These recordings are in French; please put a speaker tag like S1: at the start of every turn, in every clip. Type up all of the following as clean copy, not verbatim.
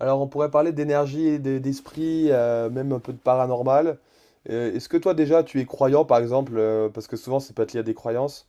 S1: Alors, on pourrait parler d'énergie et d'esprit, même un peu de paranormal. Est-ce que toi, déjà, tu es croyant, par exemple, parce que souvent, c'est pas lié à des croyances.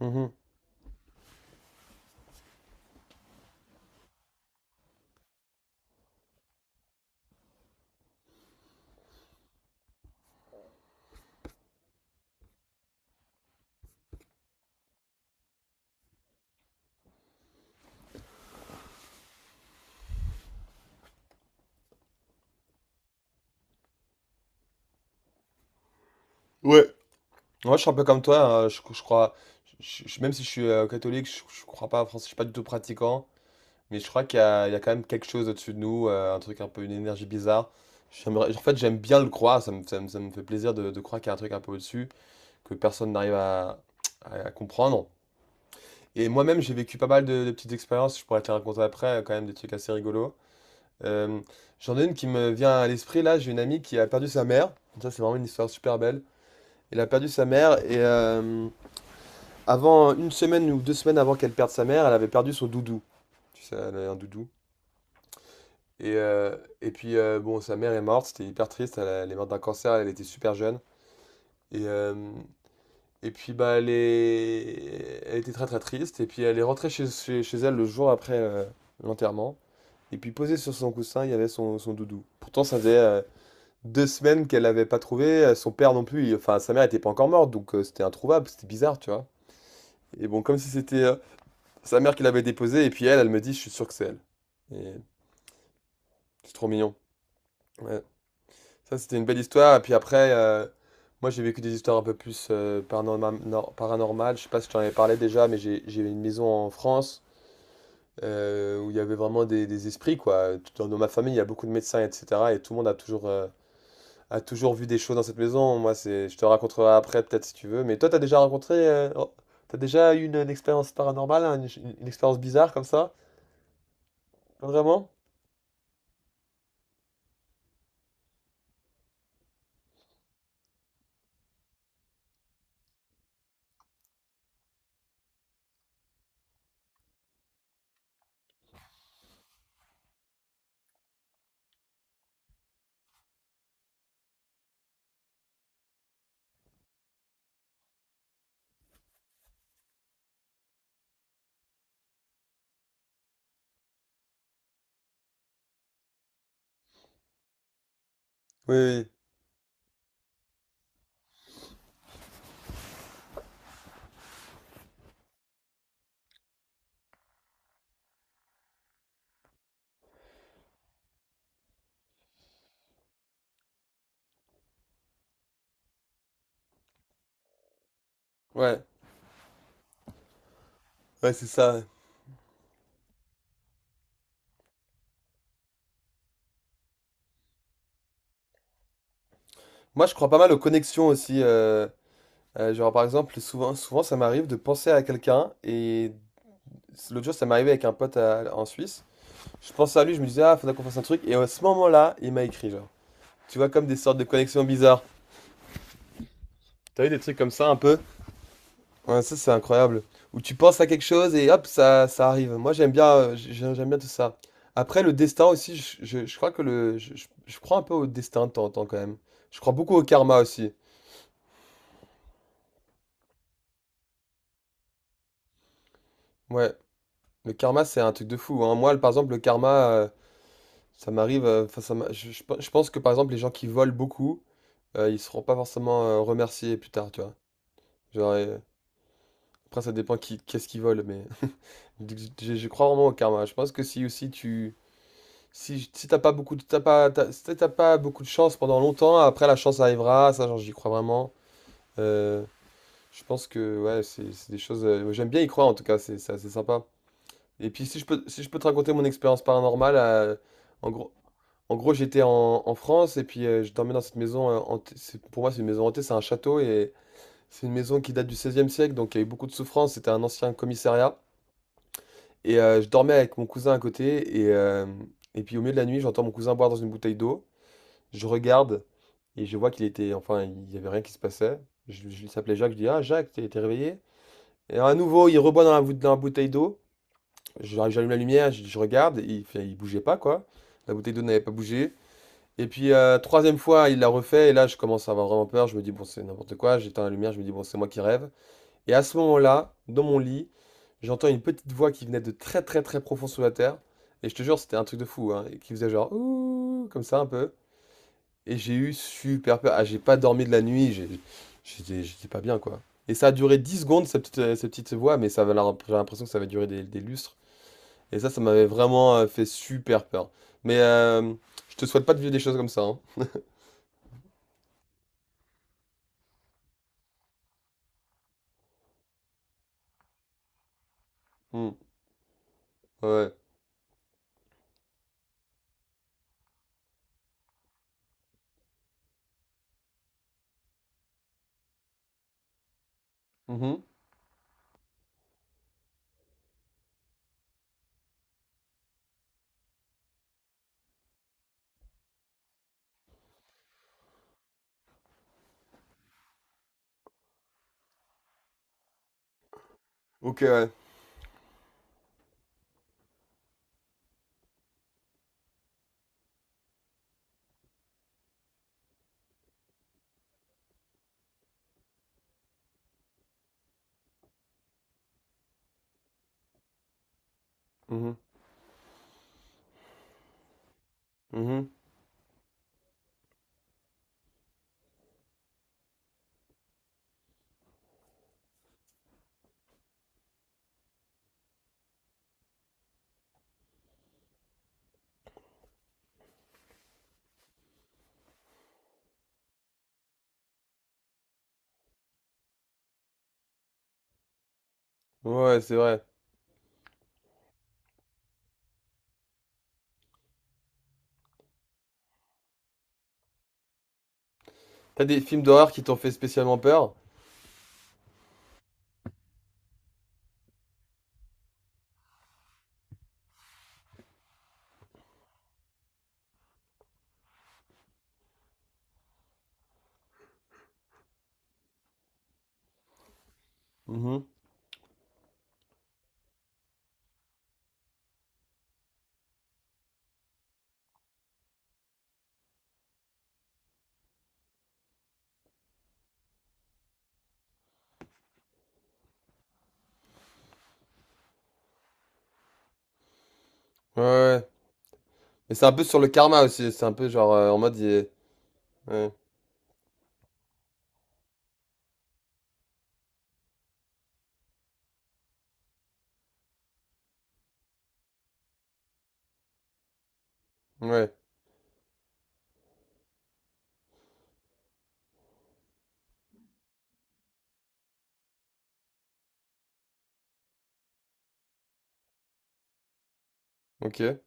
S1: Mhm. Ouais, moi, je suis un peu comme toi, hein, je crois, même si je suis catholique, je crois pas, français, je suis pas du tout pratiquant, mais je crois qu'il y a quand même quelque chose au-dessus de nous, un truc un peu, une énergie bizarre. En fait, j'aime bien le croire, ça me, ça me fait plaisir de croire qu'il y a un truc un peu au-dessus, que personne n'arrive à, à comprendre. Et moi-même, j'ai vécu pas mal de petites expériences, je pourrais te les raconter après, quand même des trucs assez rigolos. Euh, J'en ai une qui me vient à l'esprit, là, j'ai une amie qui a perdu sa mère, ça c'est vraiment une histoire super belle. Elle a perdu sa mère et avant, une semaine ou 2 semaines avant qu'elle perde sa mère, elle avait perdu son doudou. Tu sais, elle avait un doudou. Bon, sa mère est morte, c'était hyper triste, elle est morte d'un cancer, elle était super jeune. Et, euh, bah, elle était très très triste. Et puis, elle est rentrée chez elle le jour après l'enterrement. Et puis posé sur son coussin, il y avait son doudou. Pourtant, ça faisait 2 semaines qu'elle l'avait pas trouvé, son père non plus, enfin sa mère était pas encore morte, donc c'était introuvable, c'était bizarre, tu vois. Et bon, comme si c'était sa mère qui l'avait déposé, et puis elle me dit, je suis sûr que c'est elle. Et c'est trop mignon. Ouais. Ça, c'était une belle histoire, et puis après, moi j'ai vécu des histoires un peu plus paranormales, je sais pas si je t'en avais parlé déjà, mais j'ai une maison en France où il y avait vraiment des esprits, quoi. Dans ma famille, il y a beaucoup de médecins, etc., et tout le monde a toujours vu des choses dans cette maison. Moi, je te raconterai après, peut-être si tu veux. Mais toi, t'as déjà eu une expérience paranormale, hein, une expérience bizarre comme ça? Vraiment? Oui, oui, ouais, ouais, c'est ça. Moi, je crois pas mal aux connexions aussi. Genre, par exemple, souvent, ça m'arrive de penser à quelqu'un. Et l'autre jour, ça m'est arrivé avec un pote en Suisse. Je pensais à lui, je me disais, ah, faudrait qu'on fasse un truc. Et à ce moment-là, il m'a écrit, genre. Tu vois, comme des sortes de connexions bizarres. T'as eu des trucs comme ça un peu? Ouais, ça c'est incroyable. Où tu penses à quelque chose et hop, ça arrive. Moi j'aime bien, j'aime bien tout ça. Après le destin aussi, je crois que le, je crois un peu au destin de temps en temps quand même. Je crois beaucoup au karma aussi. Ouais, le karma c'est un truc de fou, hein. Moi, par exemple, le karma, ça m'arrive. Enfin, ça m'a- je pe- je pense que par exemple les gens qui volent beaucoup, ils seront pas forcément remerciés plus tard, tu vois. Genre, après ça dépend qui, qu'est-ce qu'ils volent, mais je crois vraiment au karma. Je pense que si aussi tu... Si t'as pas beaucoup de, t'as pas, t'as- si t'as pas beaucoup de chance pendant longtemps, après la chance arrivera, ça genre, j'y crois vraiment. Euh, je pense que ouais, c'est des choses. J'aime bien y croire en tout cas, c'est assez sympa. Et puis si je peux, si je peux te raconter mon expérience paranormale, en gros, en gros j'étais en, en France et puis je dormais dans cette maison hantée. Pour moi c'est une maison hantée, c'est un château et c'est une maison qui date du XVIe siècle, donc il y a eu beaucoup de souffrance. C'était un ancien commissariat et je dormais avec mon cousin à côté et puis au milieu de la nuit j'entends mon cousin boire dans une bouteille d'eau. Je regarde et je vois qu'il était, enfin, il y avait rien qui se passait. Je Il s'appelait Jacques, je dis, ah Jacques, t'es réveillé? Et à nouveau, il reboit dans la bouteille d'eau. J'allume la lumière, je regarde, et il bougeait pas, quoi. La bouteille d'eau n'avait pas bougé. Et puis, troisième fois, il l'a refait, et là, je commence à avoir vraiment peur. Je me dis, bon, c'est n'importe quoi. J'éteins la lumière, je me dis, bon, c'est moi qui rêve. Et à ce moment-là, dans mon lit, j'entends une petite voix qui venait de très, très, très profond sous la terre. Et je te jure, c'était un truc de fou, hein, et qui faisait genre, ouh, comme ça, un peu. Et j'ai eu super peur. Ah, j'ai pas dormi de la nuit, j'étais pas bien, quoi. Et ça a duré 10 secondes, cette petite voix, mais j'ai l'impression que ça va durer des lustres. Et ça m'avait vraiment fait super peur. Mais je te souhaite pas de vivre des choses comme ça, hein. Hmm, ouais. Mhm. Ok, ouais. Mhm. Mhm. Ouais, c'est vrai. T'as des films d'horreur qui t'ont fait spécialement peur? Mhm. Ouais, ouais. Mais c'est un peu sur le karma aussi, c'est un peu genre en mode. Ouais, ouais, ok.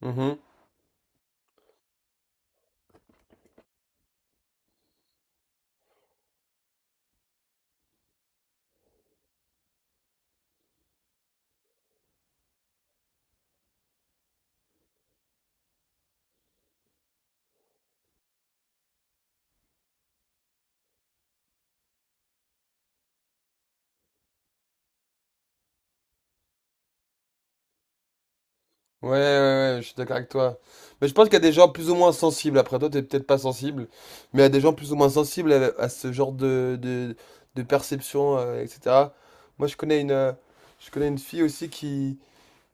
S1: Mhm. Ouais, ouais, ouais, je suis d'accord avec toi. Mais je pense qu'il y a des gens plus ou moins sensibles. Après, toi, t'es peut-être pas sensible, mais il y a des gens plus ou moins sensibles à ce genre de, de perception, etc. Moi, je connais une fille aussi qui,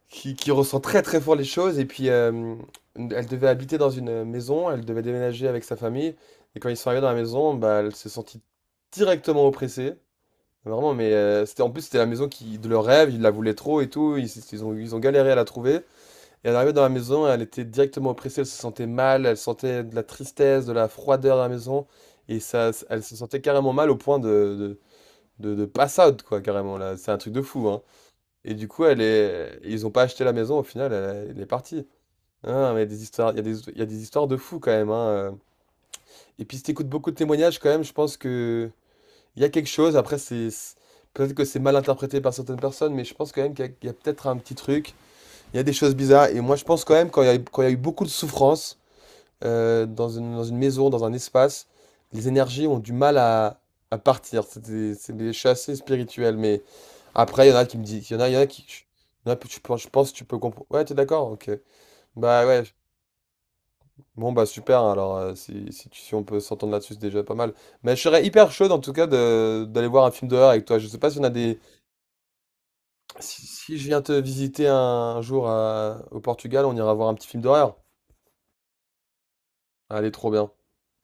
S1: qui ressent très très fort les choses. Et puis, elle devait habiter dans une maison, elle devait déménager avec sa famille. Et quand ils sont arrivés dans la maison, bah, elle s'est sentie directement oppressée. Vraiment, mais c'était en plus, c'était la maison qui, de leur rêve, ils la voulaient trop et tout. Ils ont galéré à la trouver. Et elle arrivait dans la maison, elle était directement oppressée, elle se sentait mal, elle sentait de la tristesse, de la froideur dans la maison, et ça, elle se sentait carrément mal au point de pass out, quoi, carrément, là. C'est un truc de fou, hein. Et du coup, ils ont pas acheté la maison, au final, elle est partie. Ah, mais il y a des histoires, il y a des, il y a des histoires de fou quand même, hein. Et puis si t'écoutes beaucoup de témoignages quand même, je pense que il y a quelque chose. Après, c'est. Peut-être que c'est mal interprété par certaines personnes, mais je pense quand même qu'il y a, il y a peut-être un petit truc. Il y a des choses bizarres. Et moi, je pense quand même, quand il y a, eu- quand il y a eu beaucoup de souffrance dans une maison, dans un espace, les énergies ont du mal à partir. C'est des chassés spirituels. Mais après, il y en a qui me disent, il y en a, il y en a qui, il y en a, je pense que tu peux comprendre. Ouais, t'es d'accord? Ok. Bah ouais. Bon, bah super. Alors, si on peut s'entendre là-dessus, c'est déjà pas mal. Mais je serais hyper chaud, en tout cas, d'aller voir un film d'horreur avec toi. Je sais pas si on a des. Si, si je viens te visiter un jour au Portugal, on ira voir un petit film d'horreur. Allez, trop bien.